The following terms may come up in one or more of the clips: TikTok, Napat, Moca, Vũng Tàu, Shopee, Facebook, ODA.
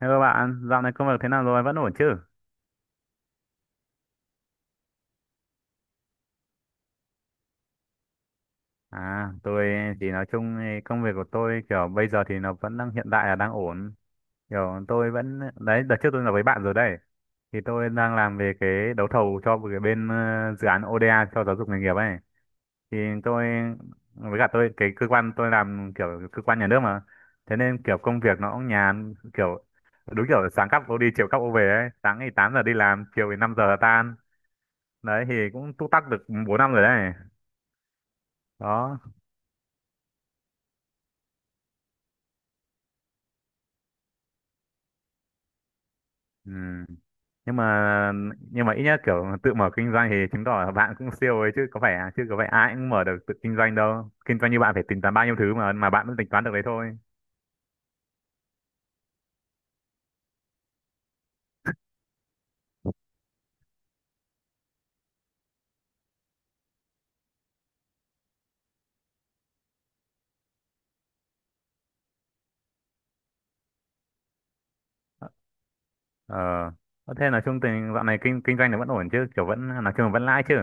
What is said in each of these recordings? Hello bạn, dạo này công việc thế nào rồi? Vẫn ổn chứ? À, tôi thì nói chung thì công việc của tôi kiểu bây giờ thì nó vẫn đang hiện tại là đang ổn. Kiểu tôi vẫn, đấy, đợt trước tôi nói với bạn rồi đây. Thì tôi đang làm về cái đấu thầu cho một cái bên dự án ODA cho giáo dục nghề nghiệp ấy. Thì tôi, với cả tôi, cái cơ quan tôi làm kiểu cơ quan nhà nước mà. Thế nên kiểu công việc nó cũng nhàn, kiểu đúng kiểu sáng cắp ô đi, chiều cắp ô về ấy. Sáng thì 8 giờ đi làm, chiều thì 5 giờ là tan. Đấy thì cũng túc tắc được 4 năm rồi đấy. Đó. Ừ. nhưng mà nhưng mà ít nhất kiểu tự mở kinh doanh thì chứng tỏ là bạn cũng siêu ấy chứ có phải ai cũng mở được tự kinh doanh đâu. Kinh doanh như bạn phải tính toán bao nhiêu thứ mà bạn vẫn tính toán được đấy thôi. Ờ. Ờ, thế là chung tình dạo này kinh kinh doanh nó vẫn ổn chứ, kiểu vẫn nói chung là vẫn lãi chứ?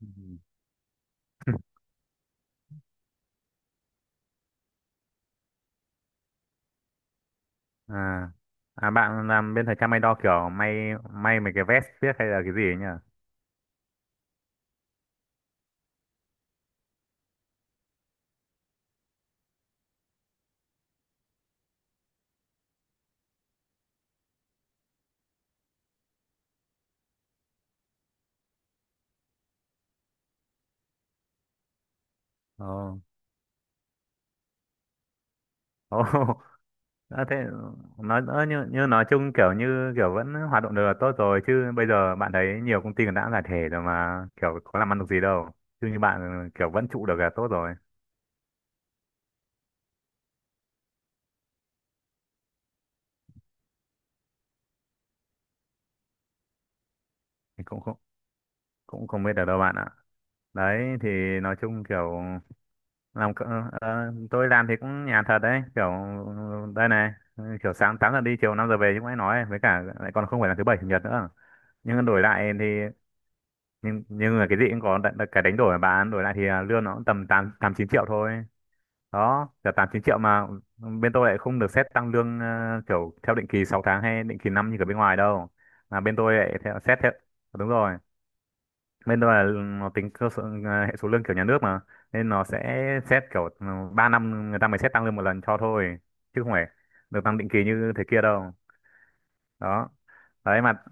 Ừ. à à, bạn làm bên thời trang may đo, kiểu may mấy cái vest viết hay là cái gì ấy nhỉ? Ồ. Ồ. Ờ, thế nói ờ, như, như nói chung kiểu như kiểu vẫn hoạt động được là tốt rồi chứ, bây giờ bạn thấy nhiều công ty còn đã giải thể rồi mà kiểu có làm ăn được gì đâu. Chứ như bạn kiểu vẫn trụ được là tốt rồi. Thì cũng không biết được đâu bạn ạ. Đấy thì nói chung kiểu tôi làm thì cũng nhàn thật đấy, kiểu đây này. Kiểu sáng 8 giờ đi chiều 5 giờ về như mới nói ấy. Với cả lại còn không phải là thứ bảy chủ nhật nữa. Nhưng đổi lại thì nhưng mà cái gì cũng có cái đánh đổi mà bạn. Đổi lại thì lương nó cũng tầm tám tám chín triệu thôi. Đó, trả 8 9 triệu mà bên tôi lại không được xét tăng lương, kiểu theo định kỳ 6 tháng hay định kỳ năm như ở bên ngoài đâu. Mà bên tôi lại theo xét theo. Đúng rồi, bên tôi là nó tính cơ sở, hệ số lương kiểu nhà nước mà, nên nó sẽ xét kiểu, 3 năm người ta mới xét tăng lương một lần cho thôi, chứ không phải được tăng định kỳ như thế kia đâu. Đó. Đấy mà.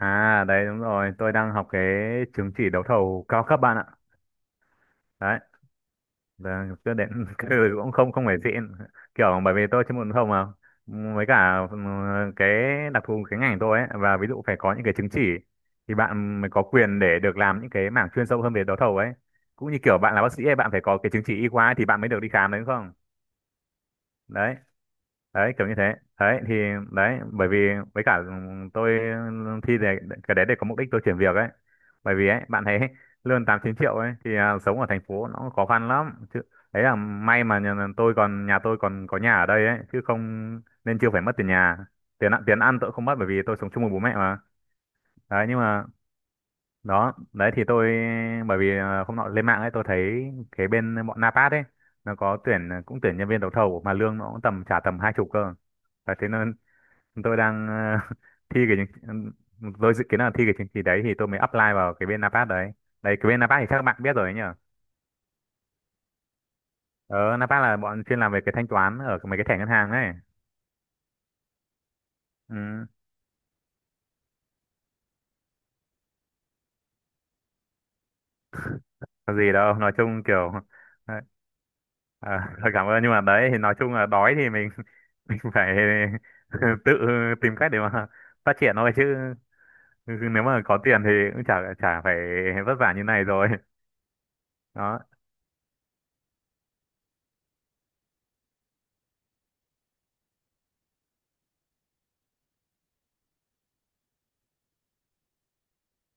À đấy, đúng rồi, tôi đang học cái chứng chỉ đấu thầu cao cấp bạn ạ. Đấy. Vâng, chưa đến ừ, cũng không không phải xịn, kiểu bởi vì tôi chuyên môn không mà. Với cả cái đặc thù cái ngành tôi ấy, và ví dụ phải có những cái chứng chỉ thì bạn mới có quyền để được làm những cái mảng chuyên sâu hơn về đấu thầu ấy. Cũng như kiểu bạn là bác sĩ ấy, bạn phải có cái chứng chỉ y khoa ấy thì bạn mới được đi khám đấy, đúng không? Đấy. Đấy kiểu như thế. Đấy thì, đấy bởi vì, với cả tôi thi để cái đấy để có mục đích tôi chuyển việc ấy. Bởi vì ấy bạn thấy, lương tám chín triệu ấy thì sống ở thành phố nó khó khăn lắm chứ. Đấy là may mà nhà, tôi còn nhà, tôi còn có nhà ở đây ấy chứ không nên chưa phải mất tiền nhà. Tiền ăn tiền ăn tôi không mất bởi vì tôi sống chung với bố mẹ mà. Đấy nhưng mà, đó đấy thì tôi, bởi vì hôm nọ lên mạng ấy tôi thấy cái bên bọn Napat ấy, nó có tuyển, cũng tuyển nhân viên đấu thầu mà lương nó cũng tầm trả tầm 20 cơ. Đấy, thế nên tôi đang thi cái chứng- tôi dự kiến là thi cái chứng chỉ đấy thì tôi mới apply vào cái bên Napat đấy. Đấy, cái bên Napat thì chắc bạn biết rồi ấy nhở. Ờ Napat là bọn chuyên làm về cái thanh toán ở mấy cái thẻ ngân hàng ấy. Ừ, có gì đâu, nói chung kiểu ờ, cảm ơn, nhưng mà đấy thì nói chung là đói thì mình mình phải tự tìm cách để mà phát triển thôi chứ, nếu mà có tiền thì cũng chả chả phải vất vả như này rồi đó.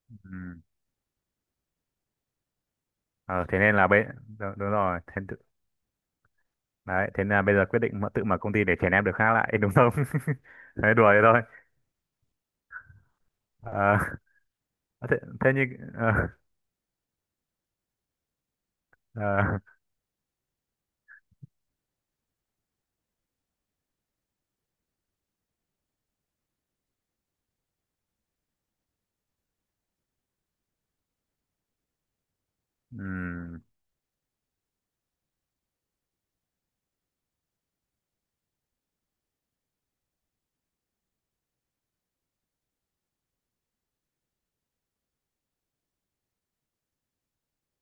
Ừ. ờ, thế nên là bây Đúng, rồi thế. Đấy, thế là bây giờ quyết định tự mở công ty để chèn ép được khác lại đúng không? Đấy, đùa thế thôi. Ờ, ờ, thế như ờ, ờ, ừm,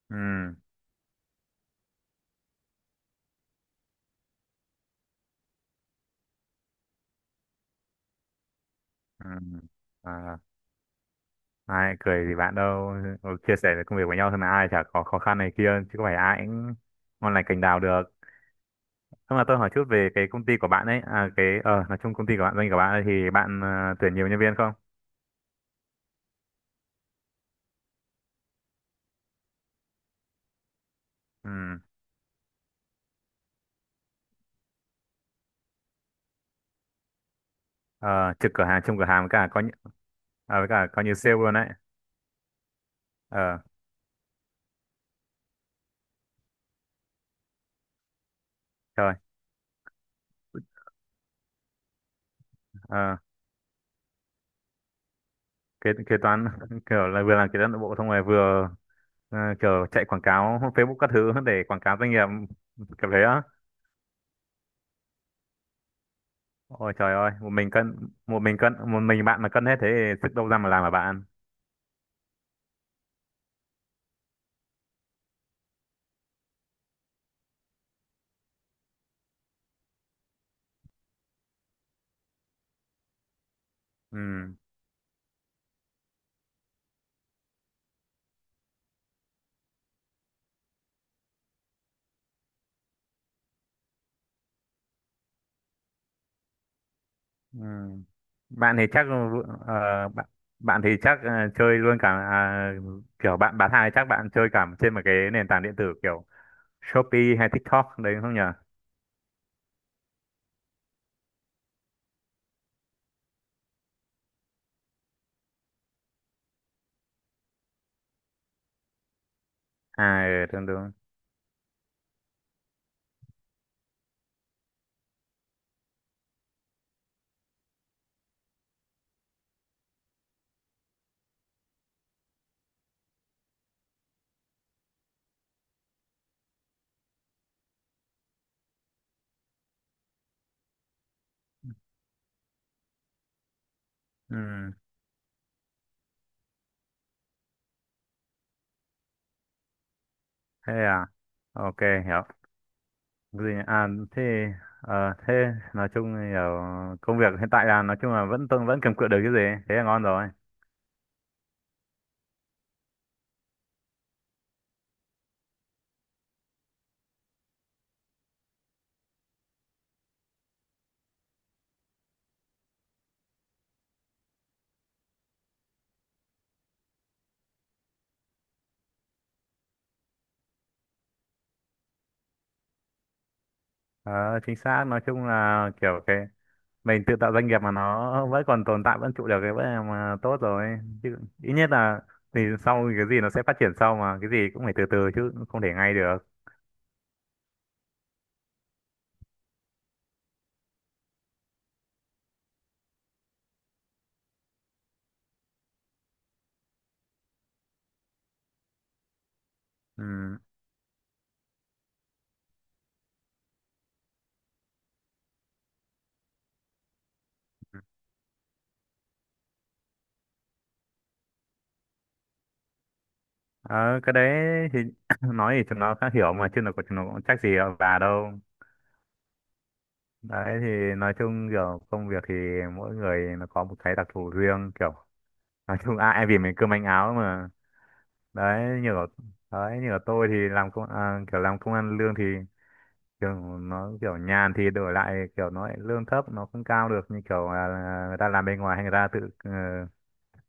ừm, ừm, ờ, ai cười gì bạn đâu. Ừ, chia sẻ về công việc với nhau thôi mà, ai chả có khó khăn này kia, chứ có phải ai cũng ngon lành cành đào được. Thôi, mà tôi hỏi chút về cái công ty của bạn ấy, à, cái nói chung công ty của bạn, doanh của bạn ấy, thì bạn tuyển nhiều nhân viên không? Ừm. Ờ, Trực cửa hàng, trông cửa hàng với cả coi như, à, với cả coi như sale luôn đấy. Ờ, trời. Ờ, kế kế toán kiểu là vừa làm kế toán nội bộ xong rồi vừa kiểu chạy quảng cáo Facebook các thứ để quảng cáo doanh nghiệp kiểu thế á. Ôi trời ơi, một mình cân, một mình bạn mà cân hết thế thì sức đâu ra mà làm mà bạn. Ừ. Ừ. bạn thì chắc bạn bạn thì chắc chơi luôn cả kiểu bạn bán hàng thì chắc bạn chơi cả trên một cái nền tảng điện tử kiểu Shopee hay TikTok đấy đúng không nhỉ? À, ừ, đúng đúng. Ừ. Thế à. Ok, hiểu. Gì nhỉ? À thế, thế nói chung thì ở công việc hiện tại là nói chung là vẫn tôi vẫn cầm cự được cái gì, thế là ngon rồi. Ờ, chính xác, nói chung là kiểu cái mình tự tạo doanh nghiệp mà nó vẫn còn tồn tại, vẫn trụ được cái vẫn là mà tốt rồi chứ, ít nhất là thì sau thì cái gì nó sẽ phát triển sau, mà cái gì cũng phải từ từ chứ không thể ngay được. Ừ. Ờ, cái đấy thì nói thì chúng nó khá hiểu mà, chứ chúng nó cũng trách gì ở bà đâu. Đấy thì nói chung kiểu công việc thì mỗi người nó có một cái đặc thù riêng, kiểu nói chung ai, ai vì mình cơm manh áo mà. Đấy như là, đấy như là tôi thì làm công kiểu làm công ăn lương thì kiểu nó kiểu nhàn thì đổi lại kiểu nó lại lương thấp, nó không cao được như kiểu là người ta làm bên ngoài, hay người ta tự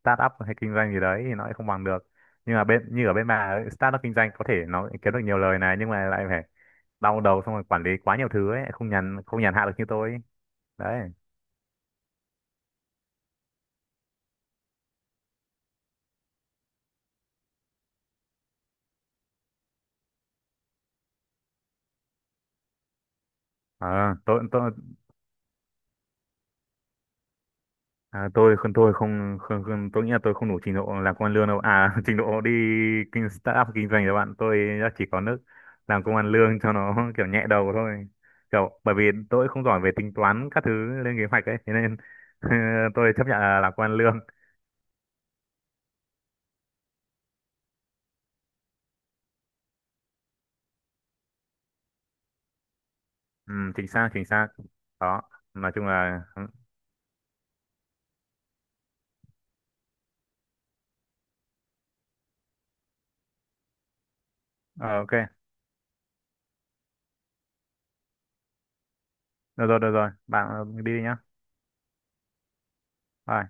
start up hay kinh doanh gì đấy thì nó lại không bằng được. Nhưng mà bên như ở bên bà ấy, start up kinh doanh có thể nó kiếm được nhiều lời này, nhưng mà lại phải đau đầu xong rồi quản lý quá nhiều thứ ấy, không nhàn hạ được như tôi ấy. Đấy. Ờ, tôi À, tôi không, không không tôi nghĩ là tôi không đủ trình độ làm công ăn lương đâu à trình độ đi startup kinh doanh các bạn tôi đã chỉ có nước làm công ăn lương cho nó kiểu nhẹ đầu thôi, kiểu bởi vì tôi không giỏi về tính toán các thứ, lên kế hoạch ấy, thế nên tôi chấp nhận là làm công ăn lương. Ừ, chính xác chính xác. Đó, nói chung là ờ, ok. Được rồi, được rồi, bạn đi đi nhá. Bye.